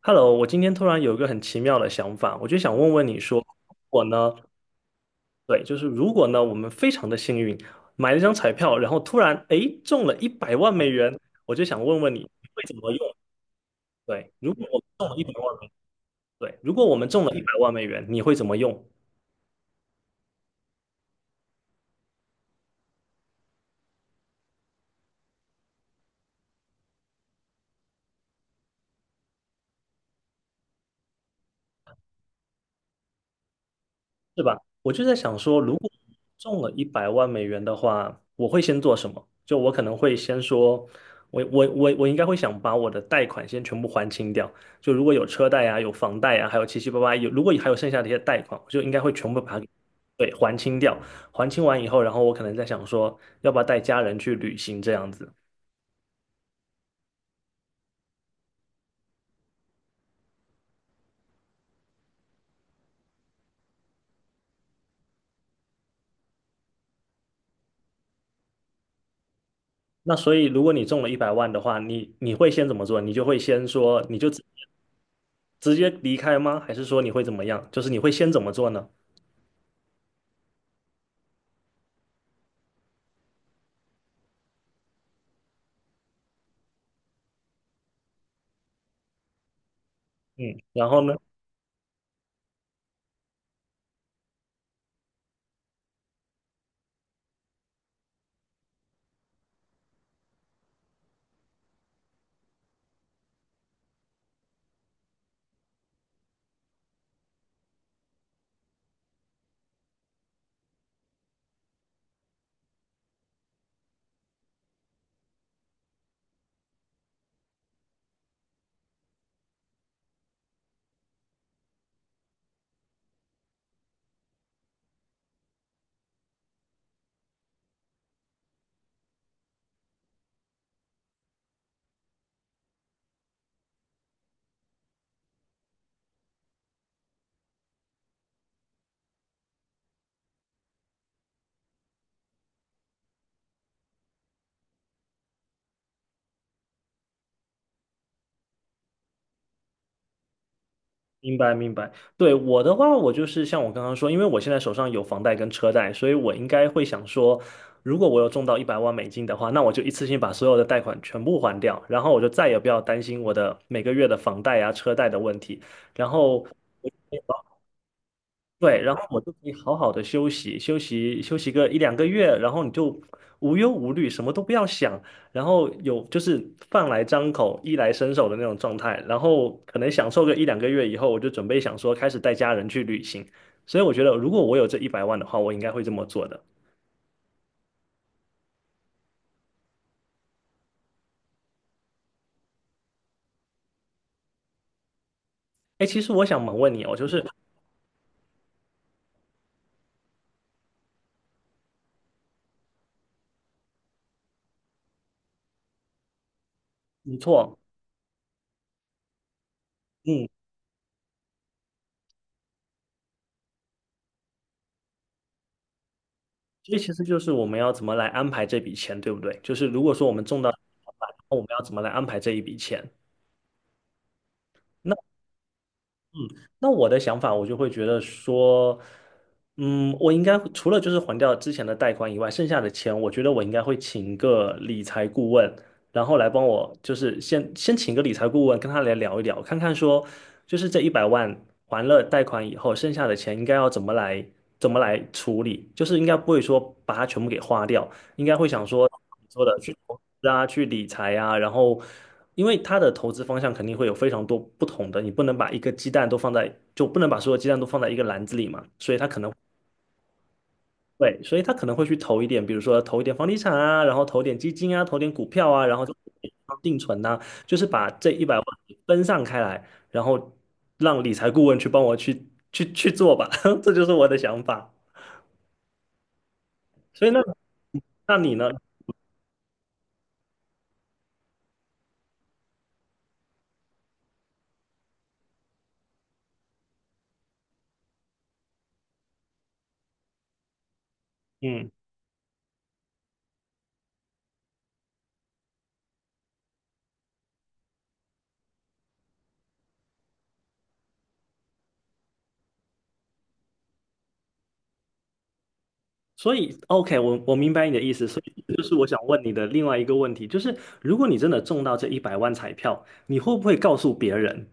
Hello，我今天突然有一个很奇妙的想法，我就想问问你说，我呢，对，就是如果呢，我们非常的幸运，买了一张彩票，然后突然诶中了一百万美元，我就想问问你，你会怎么用？对，如果我们中了一百万美元，对，如果我们中了一百万美元，你会怎么用？是吧？我就在想说，如果中了一百万美元的话，我会先做什么？就我可能会先说，我应该会想把我的贷款先全部还清掉。就如果有车贷啊，有房贷啊，还有七七八八，有如果还有剩下的一些贷款，我就应该会全部把它给，对，还清掉。还清完以后，然后我可能在想说，要不要带家人去旅行这样子。那所以，如果你中了一百万的话，你会先怎么做？你就会先说，你就直接离开吗？还是说你会怎么样？就是你会先怎么做呢？嗯，然后呢？明白明白。对，我的话，我就是像我刚刚说，因为我现在手上有房贷跟车贷，所以我应该会想说，如果我有中到100万美金的话，那我就一次性把所有的贷款全部还掉，然后我就再也不要担心我的每个月的房贷啊、车贷的问题。然后，对，然后我就可以好好的休息，休息休息个一两个月，然后你就无忧无虑，什么都不要想，然后有就是饭来张口、衣来伸手的那种状态，然后可能享受个一两个月以后，我就准备想说开始带家人去旅行。所以我觉得，如果我有这一百万的话，我应该会这么做的。哎，其实我想猛问你哦，就是没错，嗯，所以其实就是我们要怎么来安排这笔钱，对不对？就是如果说我们中到，我们要怎么来安排这一笔钱？那。那我的想法，我就会觉得说，嗯，我应该除了就是还掉之前的贷款以外，剩下的钱，我觉得我应该会请个理财顾问，然后来帮我，就是先请个理财顾问，跟他来聊一聊，看看说，就是这一百万还了贷款以后，剩下的钱应该要怎么来处理，就是应该不会说把它全部给花掉，应该会想说，你说的去投资啊，去理财啊，然后因为他的投资方向肯定会有非常多不同的，你不能把一个鸡蛋都放在，就不能把所有鸡蛋都放在一个篮子里嘛，所以他可能会去投一点，比如说投一点房地产啊，然后投点基金啊，投点股票啊，然后就定存呐、就是把这一百万分散开来，然后让理财顾问去帮我去做吧，这就是我的想法。所以那你呢？嗯。所以，OK，我明白你的意思。所以，就是我想问你的另外一个问题，就是如果你真的中到这一百万彩票，你会不会告诉别人？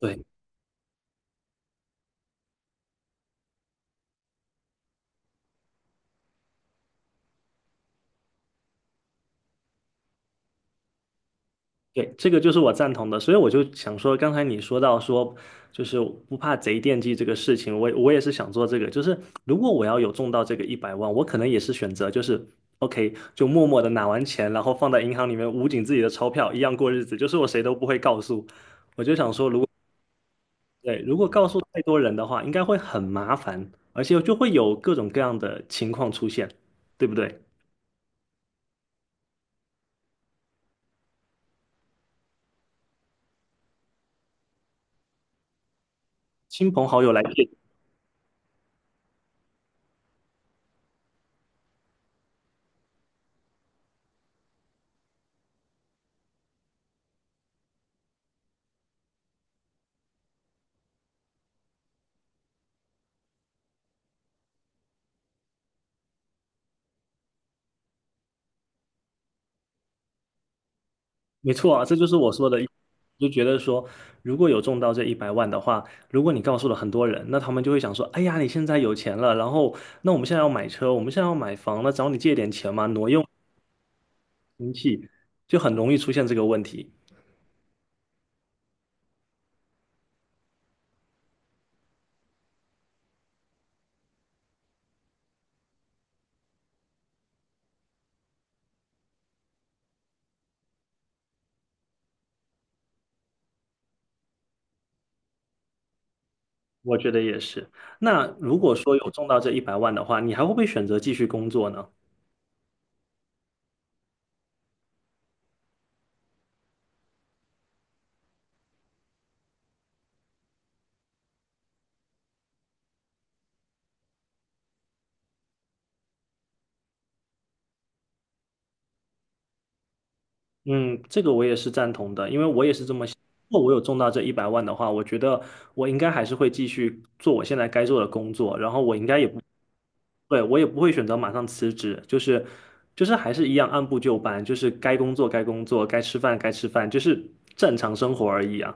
对对，这个就是我赞同的。所以我就想说，刚才你说到说，就是不怕贼惦记这个事情，我也是想做这个。就是如果我要有中到这个一百万，我可能也是选择就是 OK，就默默的拿完钱，然后放在银行里面捂紧自己的钞票，一样过日子，就是我谁都不会告诉。我就想说，对，如果告诉太多人的话，应该会很麻烦，而且就会有各种各样的情况出现，对不对？亲朋好友来借，没错啊，这就是我说的，就觉得说，如果有中到这一百万的话，如果你告诉了很多人，那他们就会想说，哎呀，你现在有钱了，然后那我们现在要买车，我们现在要买房那找你借点钱嘛，挪用亲戚，就很容易出现这个问题。我觉得也是。那如果说有中到这一百万的话，你还会不会选择继续工作呢？嗯，这个我也是赞同的，因为我也是这么想。如果我有中到这一百万的话，我觉得我应该还是会继续做我现在该做的工作，然后我应该也不，对，我也不会选择马上辞职，就是就是还是一样按部就班，就是该工作该工作，该吃饭该吃饭，就是正常生活而已啊。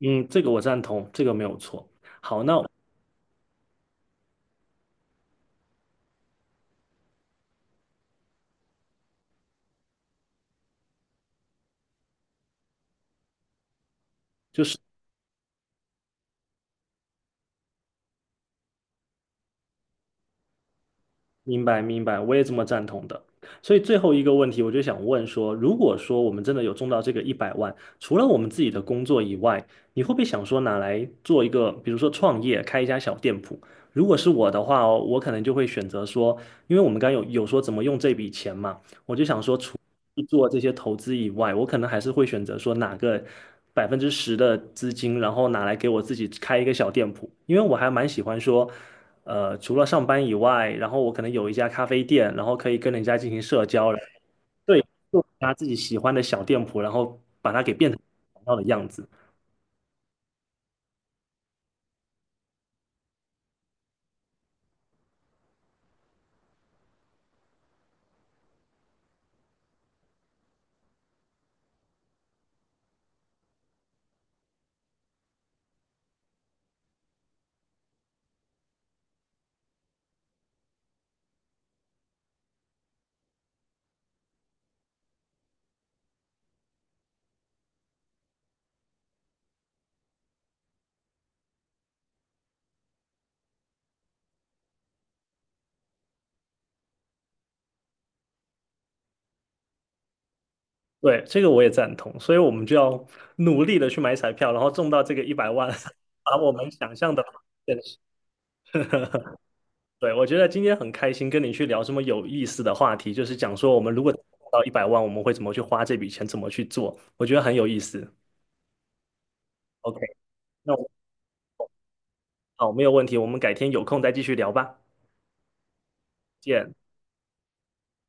嗯，这个我赞同，这个没有错。好，那明白，明白，我也这么赞同的。所以最后一个问题，我就想问说，如果说我们真的有中到这个一百万，除了我们自己的工作以外，你会不会想说拿来做一个，比如说创业，开一家小店铺？如果是我的话哦，我可能就会选择说，因为我们刚刚有说怎么用这笔钱嘛，我就想说，除了做这些投资以外，我可能还是会选择说哪个10%的资金，然后拿来给我自己开一个小店铺，因为我还蛮喜欢说。呃，除了上班以外，然后我可能有一家咖啡店，然后可以跟人家进行社交，对，做一家自己喜欢的小店铺，然后把它给变成想要的样子。对，这个我也赞同，所以我们就要努力的去买彩票，然后中到这个一百万，把我们想象的现实。对，我觉得今天很开心跟你去聊这么有意思的话题，就是讲说我们如果中到一百万，我们会怎么去花这笔钱，怎么去做，我觉得很有意思。OK，那我好，没有问题，我们改天有空再继续聊吧，见。